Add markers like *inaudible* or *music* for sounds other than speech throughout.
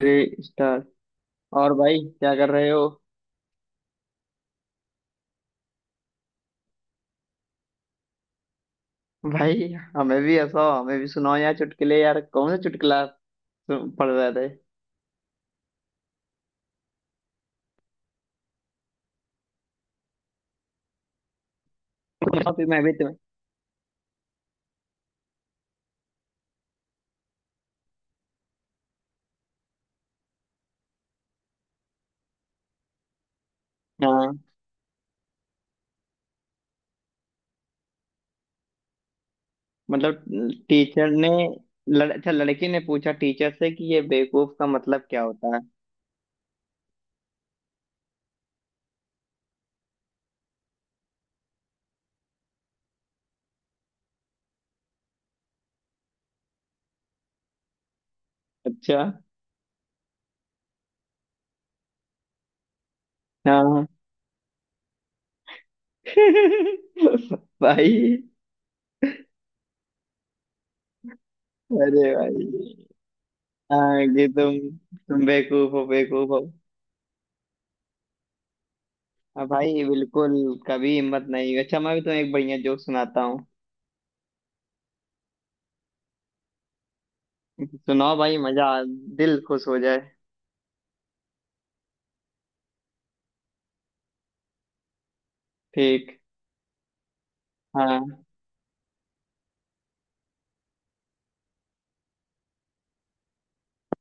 Three star. और भाई क्या कर रहे हो? भाई हमें भी हंसाओ, हमें भी सुनाओ यार चुटकुले, यार कौन सा चुटकुला पढ़ रहे थे? *laughs* बताओ, फिर मैं भी तुम्हें। हाँ। मतलब। टीचर ने अच्छा, लड़की ने पूछा टीचर से कि ये बेवकूफ का मतलब क्या होता है? अच्छा। हाँ। *laughs* भाई! अरे भाई! हाँ कि तुम बेवकूफ हो, बेवकूफ हो। हाँ भाई, बिल्कुल कभी हिम्मत नहीं हुई। अच्छा, मैं भी तुम्हें एक बढ़िया जोक सुनाता हूँ। सुनाओ भाई! दिल खुश हो जाए। ठीक। हाँ,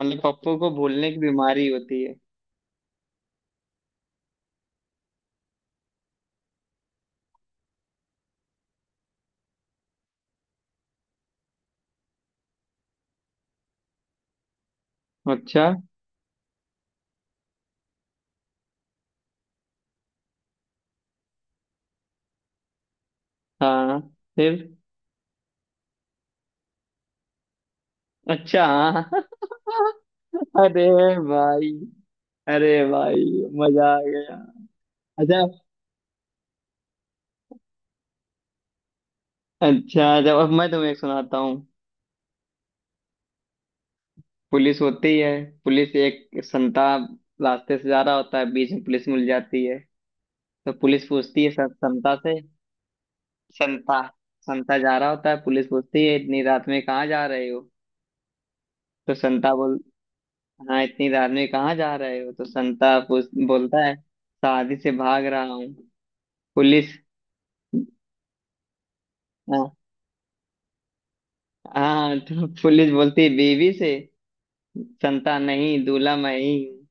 मतलब पप्पू को भूलने की बीमारी होती है। अच्छा। हाँ। फिर? अच्छा। हाँ। *laughs* अरे भाई! अरे भाई, मजा आ गया। अच्छा। अच्छा, जब अब मैं तुम्हें एक सुनाता हूँ। पुलिस होती है। पुलिस, एक संता रास्ते से जा रहा होता है, बीच में पुलिस मिल जाती है। तो पुलिस पूछती है संता से। संता संता जा रहा होता है, पुलिस पूछती है, इतनी रात में कहाँ जा रहे हो। तो संता बोल हाँ, इतनी रात में कहाँ जा रहे हो, तो संता पूछ बोलता है, शादी से भाग रहा हूँ। पुलिस, हाँ। हाँ, तो पुलिस बोलती है बीवी से। संता, नहीं, दूल्हा मैं ही हूँ।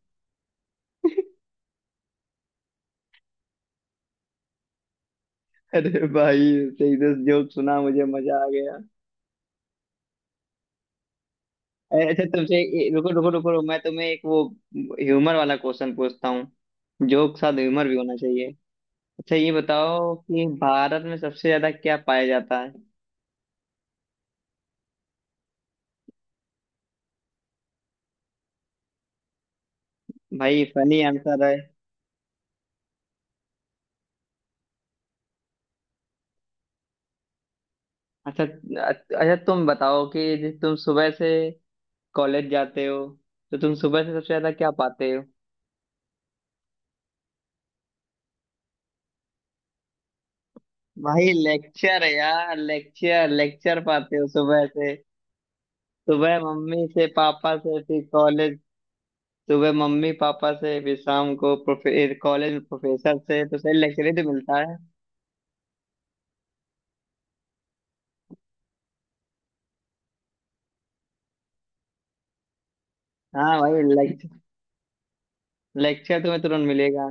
अरे भाई, सही से जो सुना, मुझे मजा आ गया। अरे, अच्छा तुमसे, रुको, रुको, रुको, रुको, मैं तुम्हें एक वो ह्यूमर वाला क्वेश्चन पूछता हूँ। जोक के साथ ह्यूमर भी होना चाहिए। अच्छा, ये बताओ कि भारत में सबसे ज्यादा क्या पाया जाता है? भाई, फनी आंसर है। अच्छा, अच्छा, तुम बताओ कि तुम सुबह से कॉलेज जाते हो, तो तुम सुबह से सबसे ज्यादा क्या पाते हो? भाई लेक्चर यार, लेक्चर, लेक्चर पाते हो सुबह से। सुबह मम्मी से, पापा से, फिर कॉलेज। सुबह मम्मी पापा से, फिर शाम को प्रोफे कॉलेज में प्रोफेसर से, तो सही लेक्चर ही तो मिलता है। हाँ भाई, लेक्चर, लेक्चर तुम्हें तुरंत मिलेगा।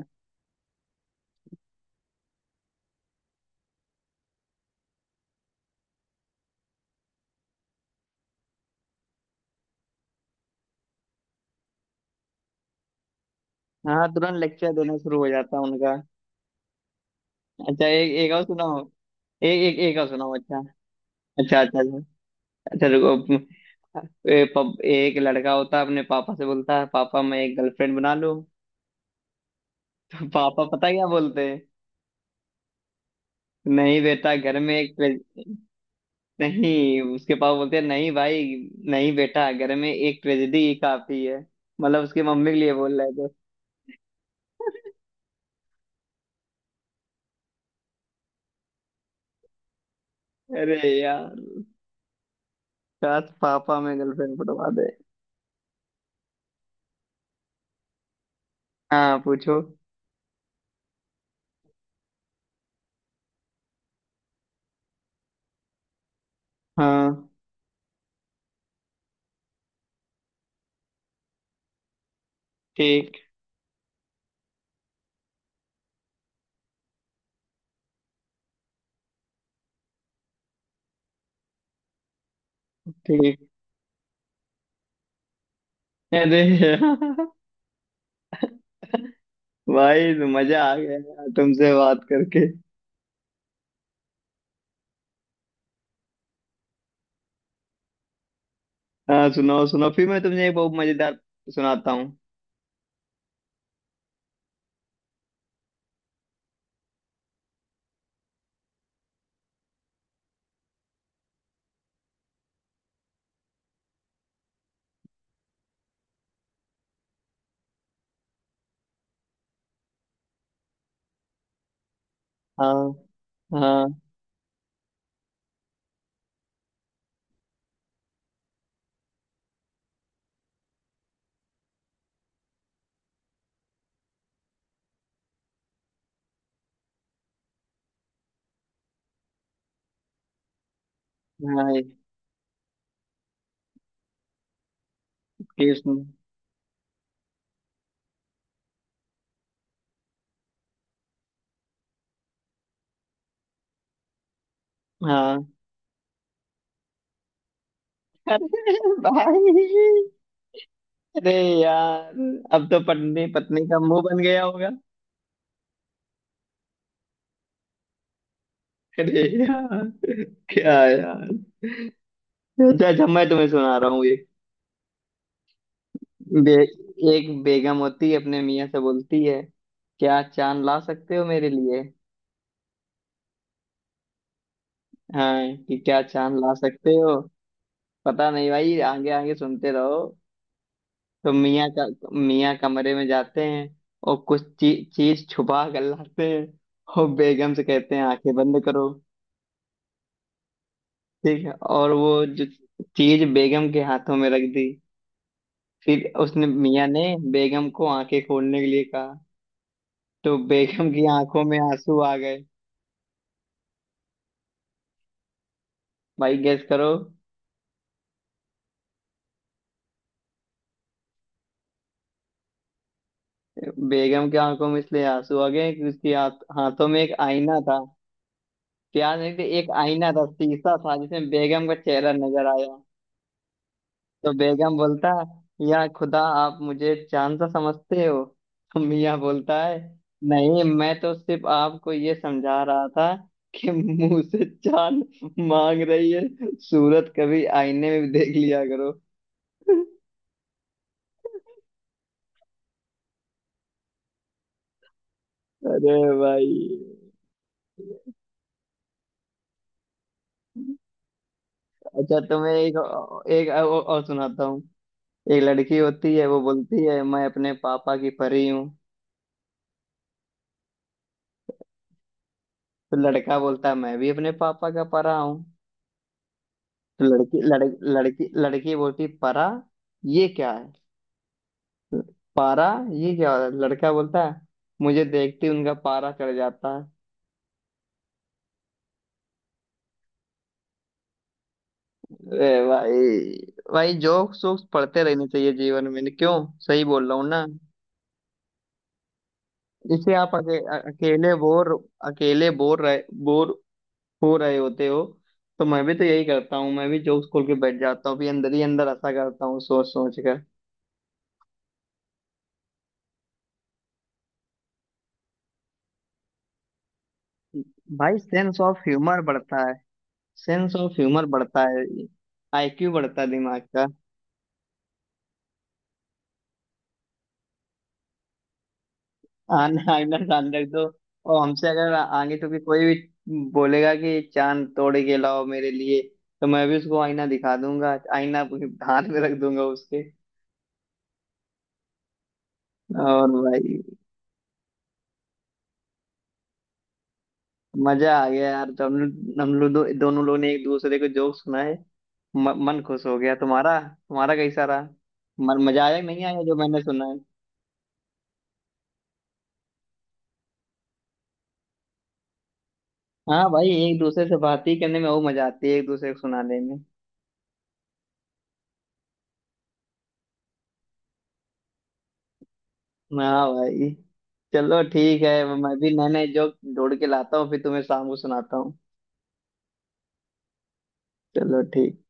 हाँ, तुरंत लेक्चर देना शुरू हो जाता है उनका। अच्छा, एक एक और सुनाओ। एक एक एक और सुनाओ। अच्छा। अच्छा, अच्छा, अच्छा। अच्छा, रुको। एक लड़का होता है, अपने पापा से बोलता है, पापा, मैं एक गर्लफ्रेंड बना लूं? *laughs* पापा पता क्या बोलते हैं? नहीं बेटा, घर में एक नहीं, उसके पापा बोलते हैं, नहीं भाई, नहीं बेटा, घर में एक ट्रेजेडी ही काफी है। मतलब उसकी मम्मी के लिए बोल रहे थे। अरे यार, काश पापा में गर्लफ्रेंड बनवा दे। हाँ, पूछो। हाँ। ठीक, ठीक। *laughs* अरे यार! भाई तो मजा आ गया यार, तुमसे बात करके। हाँ, सुनाओ, सुनाओ, फिर मैं तुमसे एक बहुत मजेदार सुनाता हूँ। हाँ, हाँ, हाँ। कृष्ण! हाँ। *laughs* अरे भाई! अरे यार! अब तो पत्नी पत्नी का मुंह बन गया होगा। अरे यार! क्या यार! अच्छा, अच्छा, मैं तुम्हें सुना रहा हूँ एक। बे, एक बेगम होती है, अपने मियाँ से बोलती है, क्या चांद ला सकते हो मेरे लिए? हाँ, कि क्या चांद ला सकते हो? पता नहीं भाई, आगे आगे सुनते रहो। तो मियाँ का मियाँ कमरे में जाते हैं, और कुछ चीज छुपा कर लाते हैं, और बेगम से कहते हैं, आंखें बंद करो। ठीक है, और वो जो चीज बेगम के हाथों में रख दी, फिर उसने मियाँ ने बेगम को आंखें खोलने के लिए कहा, तो बेगम की आंखों में आंसू आ गए। भाई, गेस करो। बेगम की आंखों में इसलिए आंसू आ गए कि हाथों में एक आईना था। प्यार नहीं थी, एक आईना था, शीशा था जिसमें बेगम का चेहरा नजर आया। तो बेगम बोलता, या खुदा, आप मुझे चांद सा समझते हो? तो मियाँ बोलता है, नहीं, मैं तो सिर्फ आपको ये समझा रहा था कि मुंह से चांद मांग रही है, सूरत कभी आईने में भी देख लिया करो। अरे भाई! अच्छा, तुम्हें एक एक और सुनाता हूँ। एक लड़की होती है, वो बोलती है मैं अपने पापा की परी हूँ। तो लड़का बोलता है, मैं भी अपने पापा का परा हूँ। तो लड़की लड़की लड़की लड़की बोलती, परा, ये क्या है? पारा, ये क्या है? लड़का बोलता है, मुझे देखते ही उनका पारा चढ़ जाता है। ए भाई! भाई, जोक सोक्स पढ़ते रहने चाहिए जीवन में, क्यों? सही बोल रहा हूँ ना? इसे आप अकेले अकेले बोर रहे बोर हो रहे होते हो, तो मैं भी तो यही करता हूँ, मैं भी जोक्स खोल के बैठ जाता हूँ, भी अंदर ही अंदर ऐसा करता हूँ, सोच सोच कर। भाई, सेंस ऑफ ह्यूमर बढ़ता है, सेंस ऑफ ह्यूमर बढ़ता है। आईक्यू बढ़ता है दिमाग का। आन आईना कान रख दो, और हमसे अगर आगे तो भी कोई भी बोलेगा कि चांद तोड़ के लाओ मेरे लिए, तो मैं भी उसको आईना दिखा दूंगा, आईना अपने हाथ में रख दूंगा उसके। और भाई, मजा आ गया यार, तो हम लोग दोनों लोग ने एक दूसरे को जोक सुनाए। मन खुश हो गया तुम्हारा, तुम्हारा कैसा रहा? मन मजा आया कि नहीं आया, जो मैंने सुना है? हाँ भाई, एक दूसरे से बात ही करने में वो मजा आती है, एक दूसरे को सुनाने में। हाँ भाई, चलो ठीक है। मैं भी नए नए जोक ढूंढ के लाता हूँ, फिर तुम्हें शाम को सुनाता हूँ। चलो ठीक।